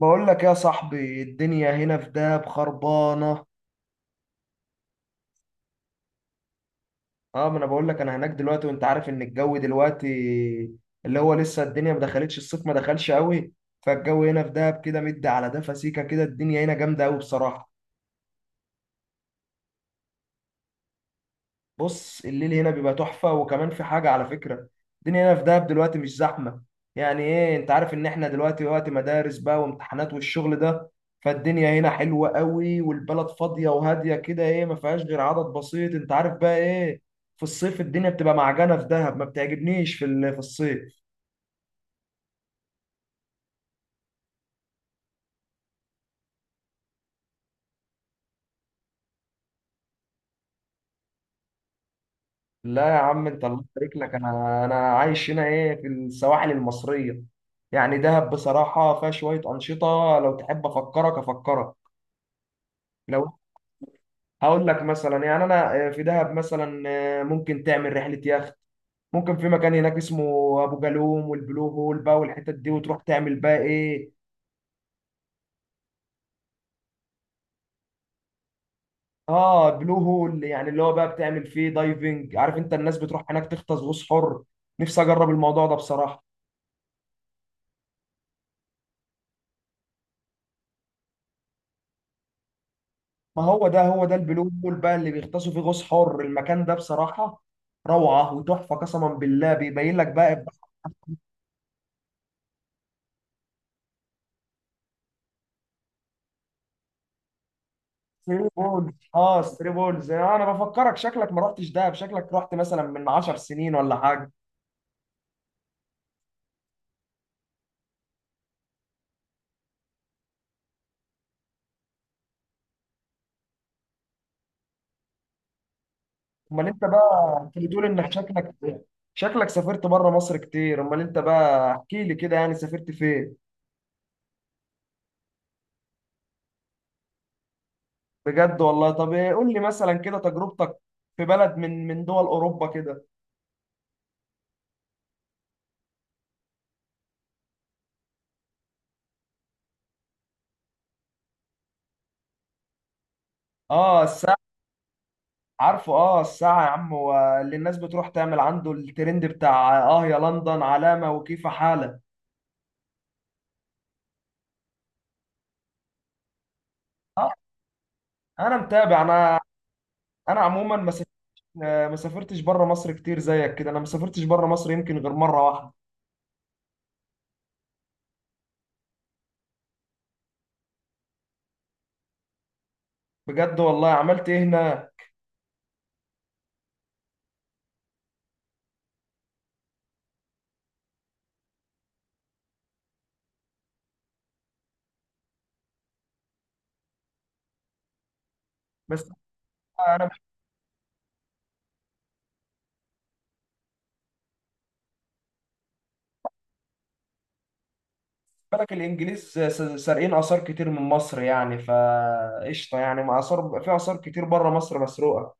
بقول لك يا صاحبي، الدنيا هنا في دهب خربانه. اه، ما انا بقول لك، انا هناك دلوقتي وانت عارف ان الجو دلوقتي اللي هو لسه الدنيا ما دخلتش الصيف، ما دخلش قوي. فالجو هنا في دهب كده مد على ده فسيكه كده، الدنيا هنا جامده قوي بصراحه. بص، الليل هنا بيبقى تحفة، وكمان في حاجة على فكرة. الدنيا هنا في دهب دلوقتي مش زحمة. يعني ايه؟ انت عارف ان احنا دلوقتي وقت مدارس بقى، وامتحانات والشغل ده. فالدنيا هنا حلوة قوي، والبلد فاضية وهادية كده، ايه، ما فيهاش غير عدد بسيط. انت عارف بقى ايه؟ في الصيف الدنيا بتبقى معجنة في دهب، ما بتعجبنيش في الصيف. لا يا عم، انت الله يبارك لك، انا عايش هنا ايه، في السواحل المصرية. يعني دهب بصراحة فيها شوية أنشطة، لو تحب أفكرك لو هقول لك مثلا، يعني انا في دهب مثلا. ممكن تعمل رحله يخت، ممكن في مكان هناك اسمه ابو جالوم، والبلو هول بقى والحتت دي، وتروح تعمل بقى ايه. اه، بلو هول، يعني اللي هو بقى بتعمل فيه دايفنج، عارف انت؟ الناس بتروح هناك تغطس غوص حر. نفسي اجرب الموضوع ده بصراحه. ما هو ده، هو ده البلو هول بقى اللي بيغطسوا فيه غوص حر، المكان ده بصراحه روعه وتحفه، قسما بالله بيبين لك بقى. ثري بولز، اه، ثري بولز. انا بفكرك، شكلك ما رحتش دهب، شكلك رحت مثلا من 10 سنين ولا حاجه. امال انت بقى، انت بتقول انك شكلك شكلك سافرت بره مصر كتير. امال انت بقى، احكي لي كده، يعني سافرت فين؟ بجد والله؟ طب إيه، قول لي مثلا كده تجربتك في بلد من دول اوروبا كده. اه، الساعه. عارفه، اه الساعه يا عم، هو اللي الناس بتروح تعمل عنده الترند بتاع، اه، يا لندن علامه وكيف حالك. اه، انا متابع. انا انا عموما ما سافرتش بره مصر كتير زيك كده، انا ما سافرتش بره مصر يمكن غير مره واحده. بجد والله؟ عملت ايه هنا؟ بس انا بالنسبه لك، الانجليز سارقين اثار كتير من مصر، يعني فقشطه، يعني ما اثار، في اثار كتير بره مصر مسروقه.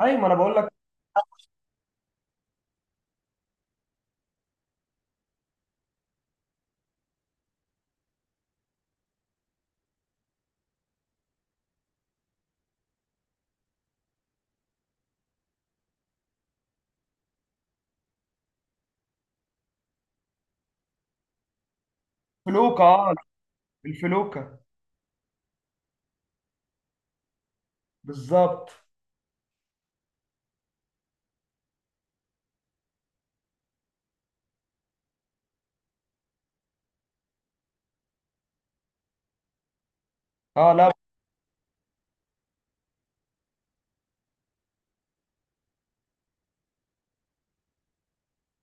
ايوه ما انا بقول لك. فلوكه، اه. الفلوكه، بالظبط. اه، لا.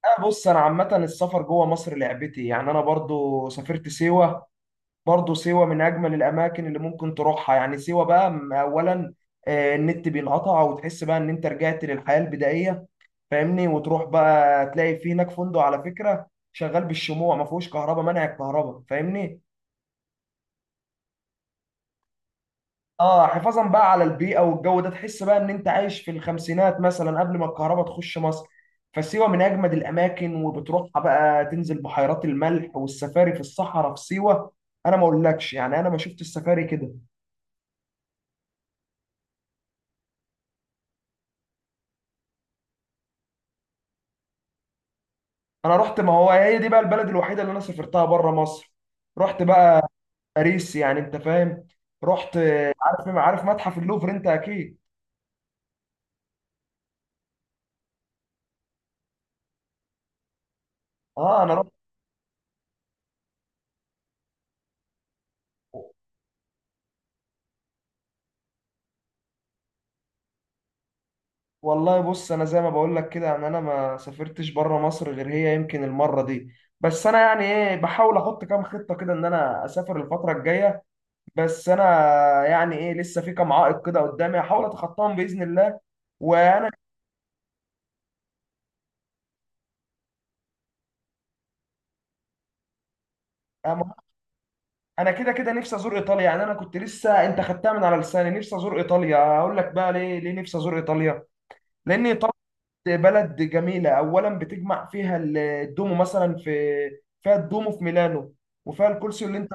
بص، انا عامه السفر جوه مصر لعبتي، يعني انا برضو سافرت سيوه. برضه سيوة من أجمل الأماكن اللي ممكن تروحها، يعني سيوة بقى أولا النت بينقطع وتحس بقى إن أنت رجعت للحياة البدائية. فاهمني؟ وتروح بقى تلاقي في هناك فندق على فكرة شغال بالشموع، ما فيهوش كهرباء، منع الكهرباء، فاهمني؟ اه، حفاظا بقى على البيئة والجو ده، تحس بقى إن أنت عايش في الخمسينات مثلا قبل ما الكهرباء تخش مصر. فسيوة من أجمد الأماكن، وبتروحها بقى تنزل بحيرات الملح والسفاري في الصحراء في سيوة. أنا ما أقولكش يعني، أنا ما شفت السفاري كده. انا رحت، ما هو هي دي بقى البلد الوحيده اللي انا سافرتها بره مصر. رحت بقى باريس، يعني انت فاهم. رحت، عارف عارف متحف اللوفر انت اكيد. اه، انا رحت. والله بص، انا زي ما بقول لك كده، ان انا ما سافرتش بره مصر غير هي يمكن المره دي. بس انا يعني ايه، بحاول احط كام خطه كده ان انا اسافر الفتره الجايه. بس انا يعني ايه، لسه في كام عائق كده قدامي، هحاول اتخطاهم باذن الله. وانا كده كده نفسي ازور ايطاليا. يعني انا كنت لسه، انت خدتها من على لساني، نفسي ازور ايطاليا. هقول لك بقى ليه. ليه نفسي ازور ايطاليا؟ لان ايطاليا بلد جميله اولا، بتجمع فيها الدومو مثلا في، فيها الدومو في ميلانو، وفيها الكولسيو اللي انت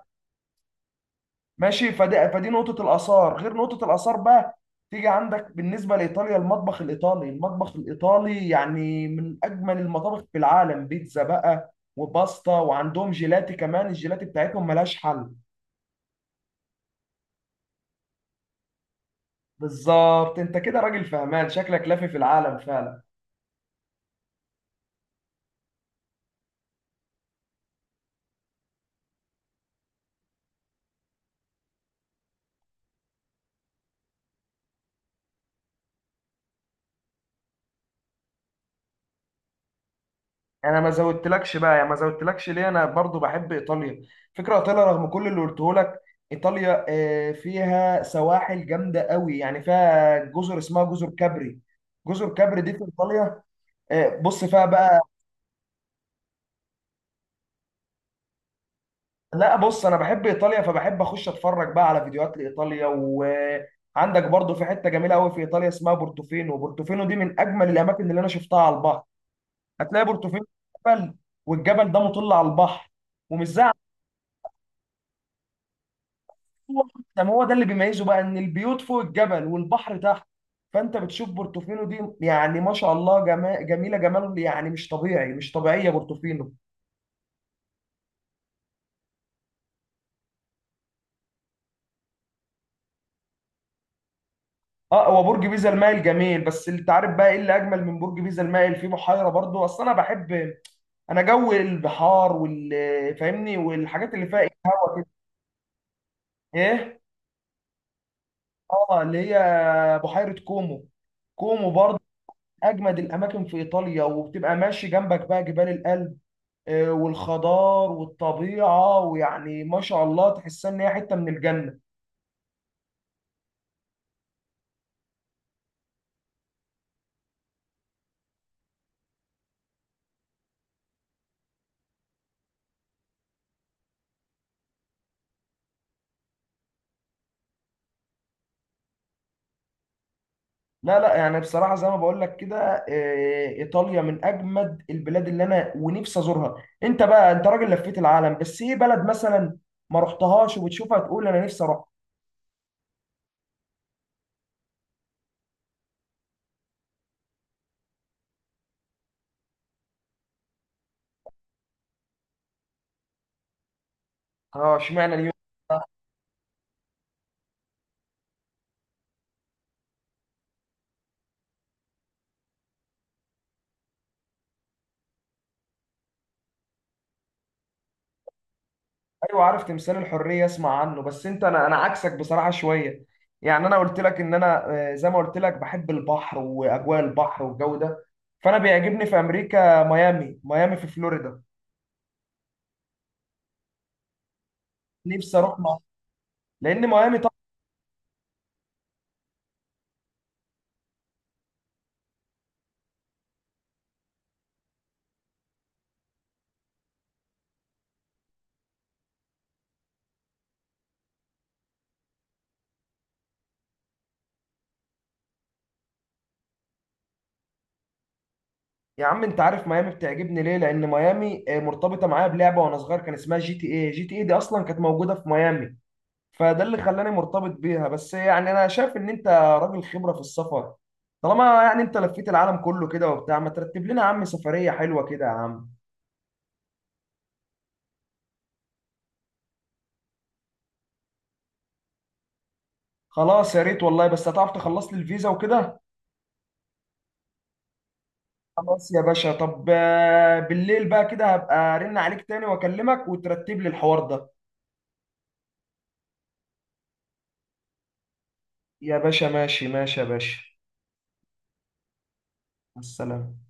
ماشي. فدي نقطه الاثار، غير نقطه الاثار بقى تيجي عندك، بالنسبه لايطاليا المطبخ الايطالي، المطبخ الايطالي يعني من اجمل المطابخ في العالم. بيتزا بقى، وباستا، وعندهم جيلاتي كمان. الجيلاتي بتاعتهم ملهاش حل. بالظبط، انت كده راجل فهمان، شكلك لافي في العالم فعلا. انا ما زودتلكش بقى، يا ما زودتلكش ليه، انا برضو بحب ايطاليا، فكره ايطاليا رغم كل اللي قلته لك. ايطاليا فيها سواحل جامده قوي، يعني فيها جزر اسمها جزر كابري. جزر كابري دي في ايطاليا. بص فيها بقى. لا بص، انا بحب ايطاليا، فبحب اخش اتفرج بقى على فيديوهات لايطاليا. وعندك برضو في حته جميله قوي في ايطاليا اسمها بورتوفينو. بورتوفينو دي من اجمل الاماكن اللي انا شفتها على البحر. هتلاقي بورتوفينو جبل، والجبل ده مطل على البحر، ومش زي عندنا، ده ما هو ده اللي بيميزه بقى، ان البيوت فوق الجبل والبحر تحت. فانت بتشوف بورتوفينو دي، يعني ما شاء الله، جميله جمال، يعني مش طبيعي، مش طبيعيه بورتوفينو. اه، هو برج بيزا المائل جميل، بس انت عارف بقى ايه اللي اجمل من برج بيزا المائل؟ في بحيره برضو، اصل انا بحب، انا جو البحار وال، فاهمني، والحاجات اللي فيها ايه، هوا كده. ايه؟ اه، اللي هي بحيره كومو. كومو اجمد الاماكن في ايطاليا، وبتبقى ماشي جنبك بقى جبال الألب والخضار والطبيعه، ويعني ما شاء الله تحسها ان هي حته من الجنه. لا لا، يعني بصراحه زي ما بقول لك كده، ايطاليا من اجمد البلاد اللي انا ونفسي ازورها. انت بقى انت راجل لفيت العالم، بس ايه بلد مثلا ما رحتهاش وبتشوفها تقول انا نفسي اروح؟ اه، اشمعنى اليونان. ايوه عارف تمثال الحريه، اسمع عنه. بس انت، انا عكسك بصراحه شويه. يعني انا قلت لك ان انا، زي ما قلت لك، بحب البحر واجواء البحر والجو ده، فانا بيعجبني في امريكا ميامي. ميامي في فلوريدا، نفسي اروح مع، لان ميامي طبعا، يا عم انت عارف ميامي بتعجبني ليه؟ لان ميامي مرتبطه معايا بلعبه وانا صغير، كان اسمها GTA. GTA دي اصلا كانت موجوده في ميامي، فده اللي خلاني مرتبط بيها. بس يعني انا شايف ان انت راجل خبرة في السفر. طالما يعني انت لفيت العالم كله كده وبتاع، ما ترتب لنا يا عم سفرية حلوة كده يا عم؟ خلاص يا ريت والله، بس هتعرف تخلص لي الفيزا وكده؟ خلاص يا باشا، طب بالليل بقى كده هبقى ارن عليك تاني واكلمك، وترتب لي الحوار ده. يا باشا ماشي ماشي يا باشا، مع السلامة.